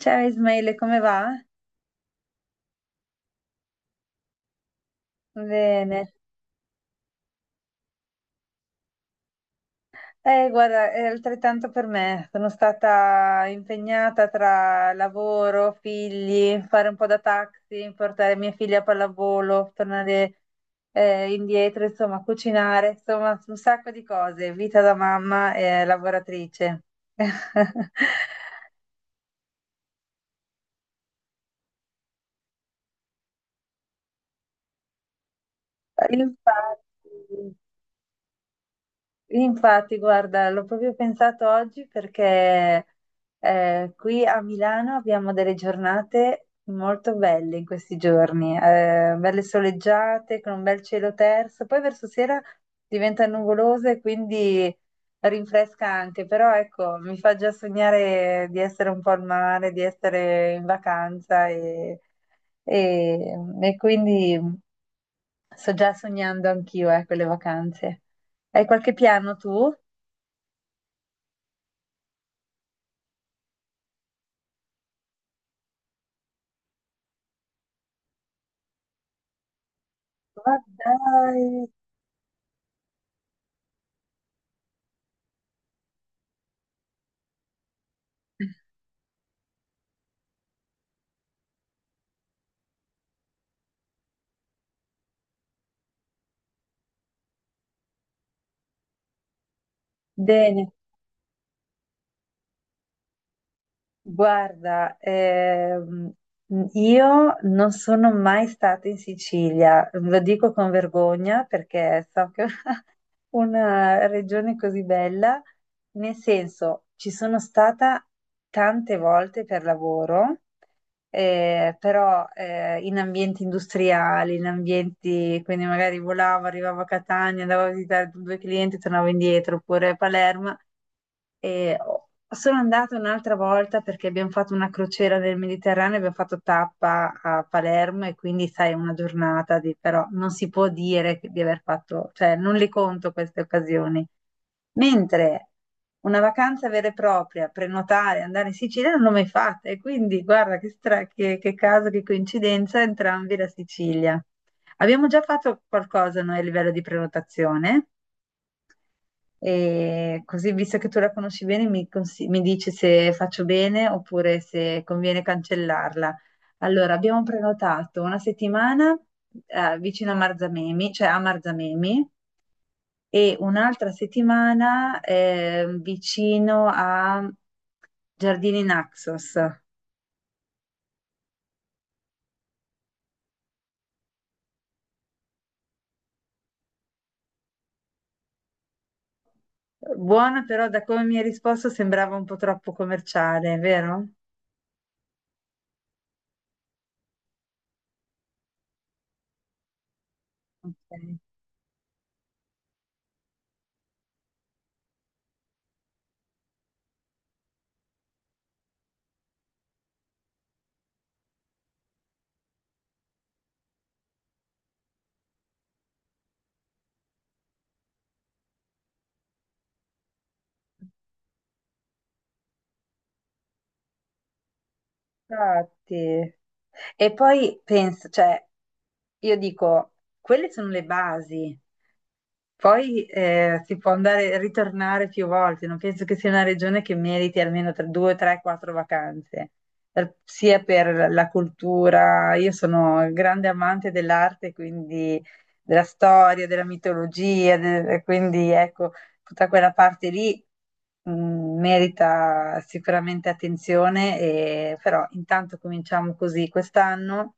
Ciao Ismaele, come va? Bene. Guarda, è altrettanto per me. Sono stata impegnata tra lavoro, figli, fare un po' da taxi, portare mia figlia a pallavolo, tornare indietro, insomma, cucinare, insomma, un sacco di cose. Vita da mamma e lavoratrice. Infatti, Infatti, guarda, l'ho proprio pensato oggi perché qui a Milano abbiamo delle giornate molto belle in questi giorni, belle soleggiate con un bel cielo terso, poi verso sera diventa nuvoloso e quindi rinfresca anche, però ecco, mi fa già sognare di essere un po' al mare, di essere in vacanza e, e quindi sto già sognando anch'io, ecco, le vacanze. Hai qualche piano tu? Ma dai. Bene, guarda, io non sono mai stata in Sicilia, lo dico con vergogna perché so che è una regione così bella, nel senso ci sono stata tante volte per lavoro, però in ambienti industriali, in ambienti, quindi magari volavo, arrivavo a Catania, andavo a visitare due clienti, tornavo indietro, oppure a Palermo. E sono andata un'altra volta perché abbiamo fatto una crociera nel Mediterraneo, abbiamo fatto tappa a Palermo e quindi sai, una giornata di, però non si può dire di aver fatto, cioè non le conto queste occasioni. Mentre una vacanza vera e propria, prenotare, andare in Sicilia non l'ho mai fatta e quindi guarda che, che caso, che coincidenza, entrambi la Sicilia. Abbiamo già fatto qualcosa noi a livello di prenotazione. E così, visto che tu la conosci bene, mi, mi dici se faccio bene oppure se conviene cancellarla. Allora, abbiamo prenotato una settimana vicino a Marzamemi, cioè a Marzamemi, e un'altra settimana vicino a Giardini Naxos. Buona, però da come mi hai risposto sembrava un po' troppo commerciale, vero? Ok. Infatti. E poi penso, cioè, io dico, quelle sono le basi, poi si può andare ritornare più volte, non penso che sia una regione che meriti almeno tre, due, tre, quattro vacanze. Sia per la cultura, io sono grande amante dell'arte, quindi della storia, della mitologia, quindi ecco, tutta quella parte lì mh, merita sicuramente attenzione, però intanto cominciamo così quest'anno.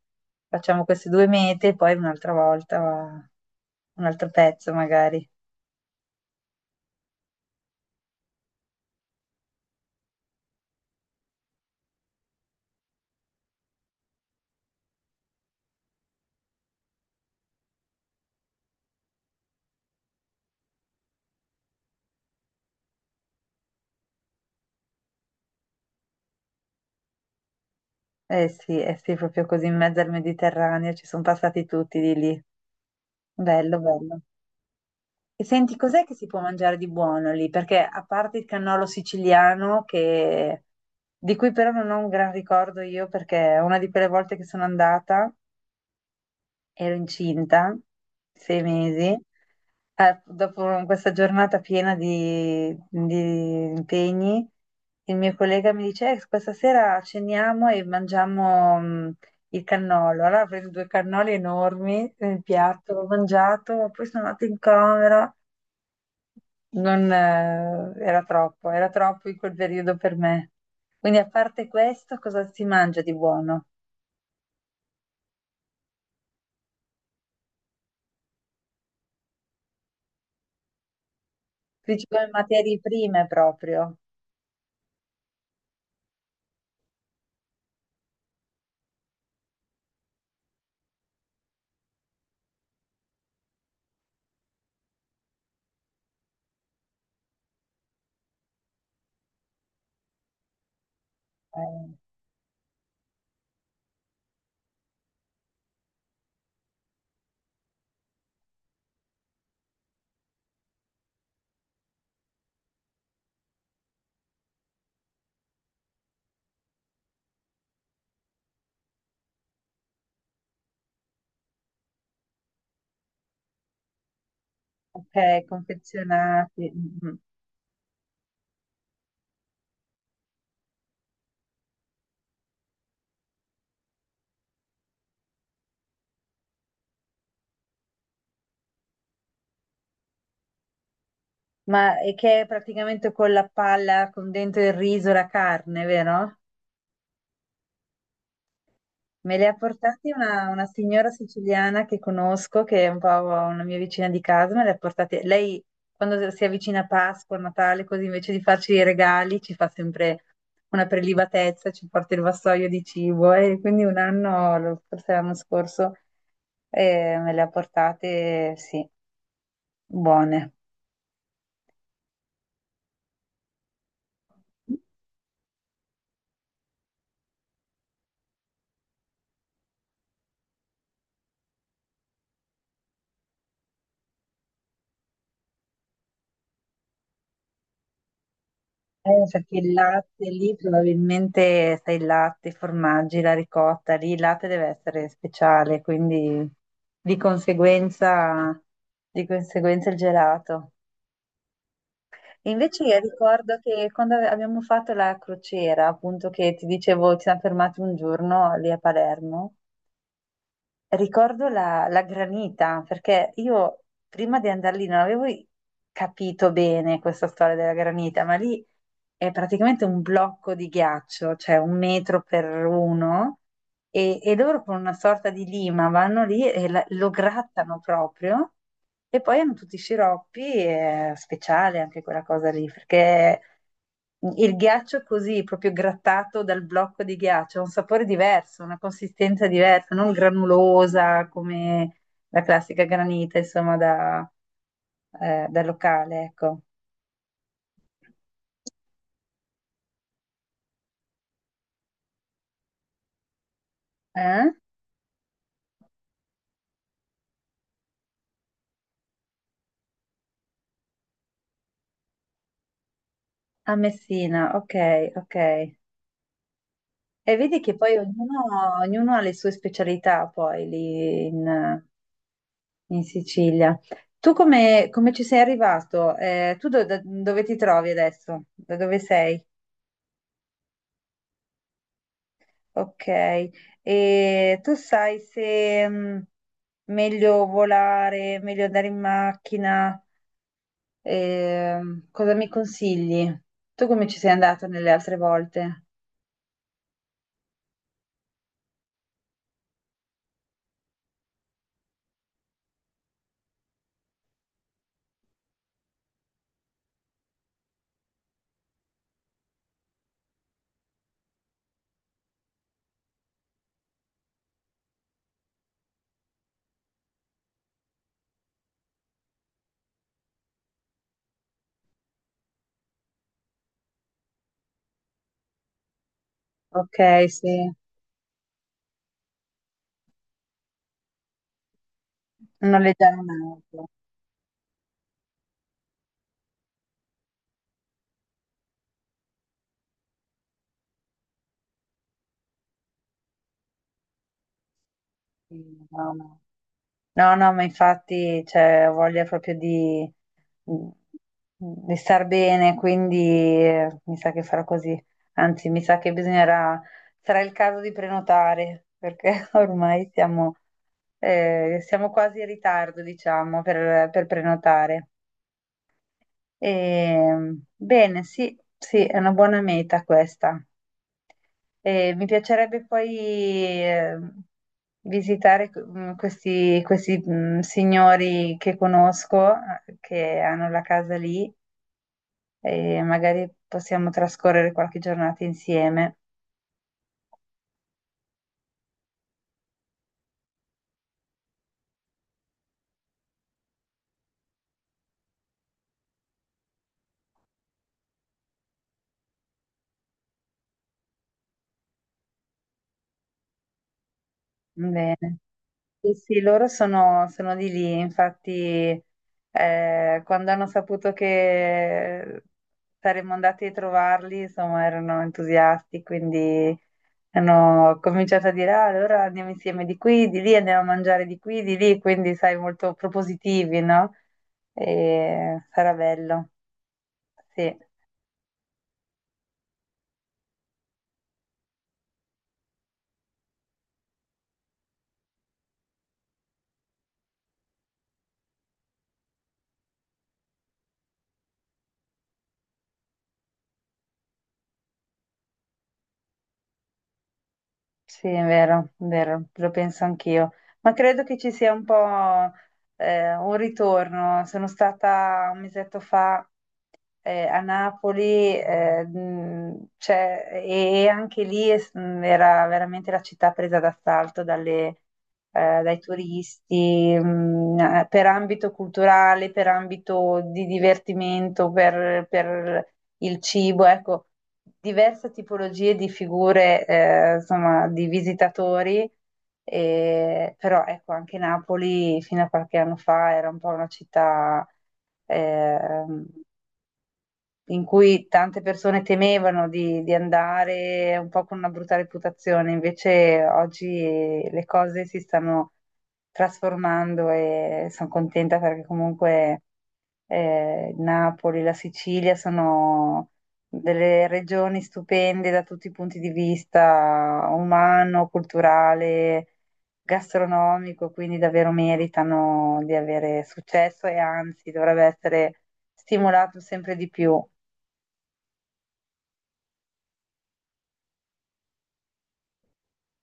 Facciamo queste due mete e poi un'altra volta un altro pezzo magari. Sì, eh sì, proprio così in mezzo al Mediterraneo ci sono passati tutti di lì. Bello, bello. E senti, cos'è che si può mangiare di buono lì? Perché a parte il cannolo siciliano, di cui però non ho un gran ricordo io, perché una di quelle volte che sono andata ero incinta, sei mesi. Dopo questa giornata piena di impegni, il mio collega mi dice: questa sera ceniamo e mangiamo il cannolo." Allora ho preso due cannoli enormi nel piatto, l'ho mangiato, poi sono andata in camera. Non, era troppo in quel periodo per me. Quindi, a parte questo, cosa si mangia di buono? Principalmente materie prime proprio, eh, ok, confezionati. Mm, mm. Ma è che è praticamente con la palla, con dentro il riso, la carne, vero? Me le ha portate una signora siciliana che conosco, che è un po' una mia vicina di casa, me le ha portate. Lei, quando si avvicina a Pasqua, a Natale, così invece di farci i regali, ci fa sempre una prelibatezza, ci porta il vassoio di cibo. E quindi un anno, forse l'anno scorso, me le ha portate, sì, buone. Perché il latte lì probabilmente sai il latte, i formaggi, la ricotta, lì il latte deve essere speciale, quindi di conseguenza, di conseguenza il gelato. E invece io ricordo che quando abbiamo fatto la crociera, appunto che ti dicevo, ci siamo fermati un giorno lì a Palermo. Ricordo la granita, perché io prima di andare lì non avevo capito bene questa storia della granita, ma lì è praticamente un blocco di ghiaccio, cioè un metro per uno, e loro con una sorta di lima vanno lì e lo grattano proprio e poi hanno tutti i sciroppi, è speciale anche quella cosa lì, perché il ghiaccio così, proprio grattato dal blocco di ghiaccio, ha un sapore diverso, una consistenza diversa, non granulosa come la classica granita, insomma, da, da locale, ecco. Eh? A Messina, ok, ok. E vedi che poi ognuno, ognuno ha le sue specialità poi lì in, in Sicilia. Tu come, come ci sei arrivato? Tu dove ti trovi adesso? Da dove sei? Ok. E tu sai se mm, meglio volare, meglio andare in macchina? Cosa mi consigli? Tu come ci sei andato nelle altre volte? Ok, sì. Noleggiare un'auto. Sì, no, no. No, no, ma infatti, cioè, ho voglia proprio di star bene, quindi mi sa che farò così. Anzi, mi sa che bisognerà, sarà il caso di prenotare, perché ormai siamo, siamo quasi in ritardo, diciamo, per prenotare. E, bene, sì, sì, è una buona meta questa. E mi piacerebbe poi, eh, visitare mm, questi, questi, mm, signori che conosco, che hanno la casa lì, e magari possiamo trascorrere qualche giornata insieme. Bene. Sì, sì, loro sono, sono di lì, infatti, quando hanno saputo che saremmo andati a trovarli, insomma, erano entusiasti, quindi hanno cominciato a dire, "Ah, allora andiamo insieme di qui, di lì, andiamo a mangiare di qui, di lì," quindi, sai, molto propositivi, no? E sarà bello. Sì, sì, è vero, lo penso anch'io. Ma credo che ci sia un po' un ritorno. Sono stata un mesetto fa a Napoli, cioè, e anche lì è era veramente la città presa d'assalto dai turisti, per ambito culturale, per ambito di divertimento, per il cibo, ecco, diverse tipologie di figure, insomma, di visitatori. Però ecco, anche Napoli fino a qualche anno fa era un po' una città ehm, in cui tante persone temevano di andare un po' con una brutta reputazione, invece oggi le cose si stanno trasformando e sono contenta perché comunque Napoli, la Sicilia sono delle regioni stupende da tutti i punti di vista umano, culturale, gastronomico, quindi davvero meritano di avere successo e anzi dovrebbe essere stimolato sempre di più.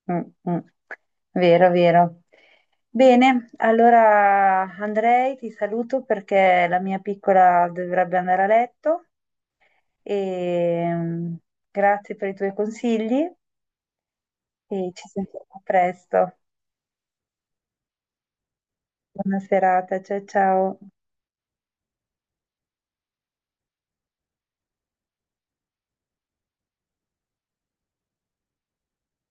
Mm, mm. Vero, vero. Bene, allora Andrei ti saluto perché la mia piccola dovrebbe andare a letto e mm, grazie per i tuoi consigli e ci sentiamo presto. Buona serata, ciao ciao.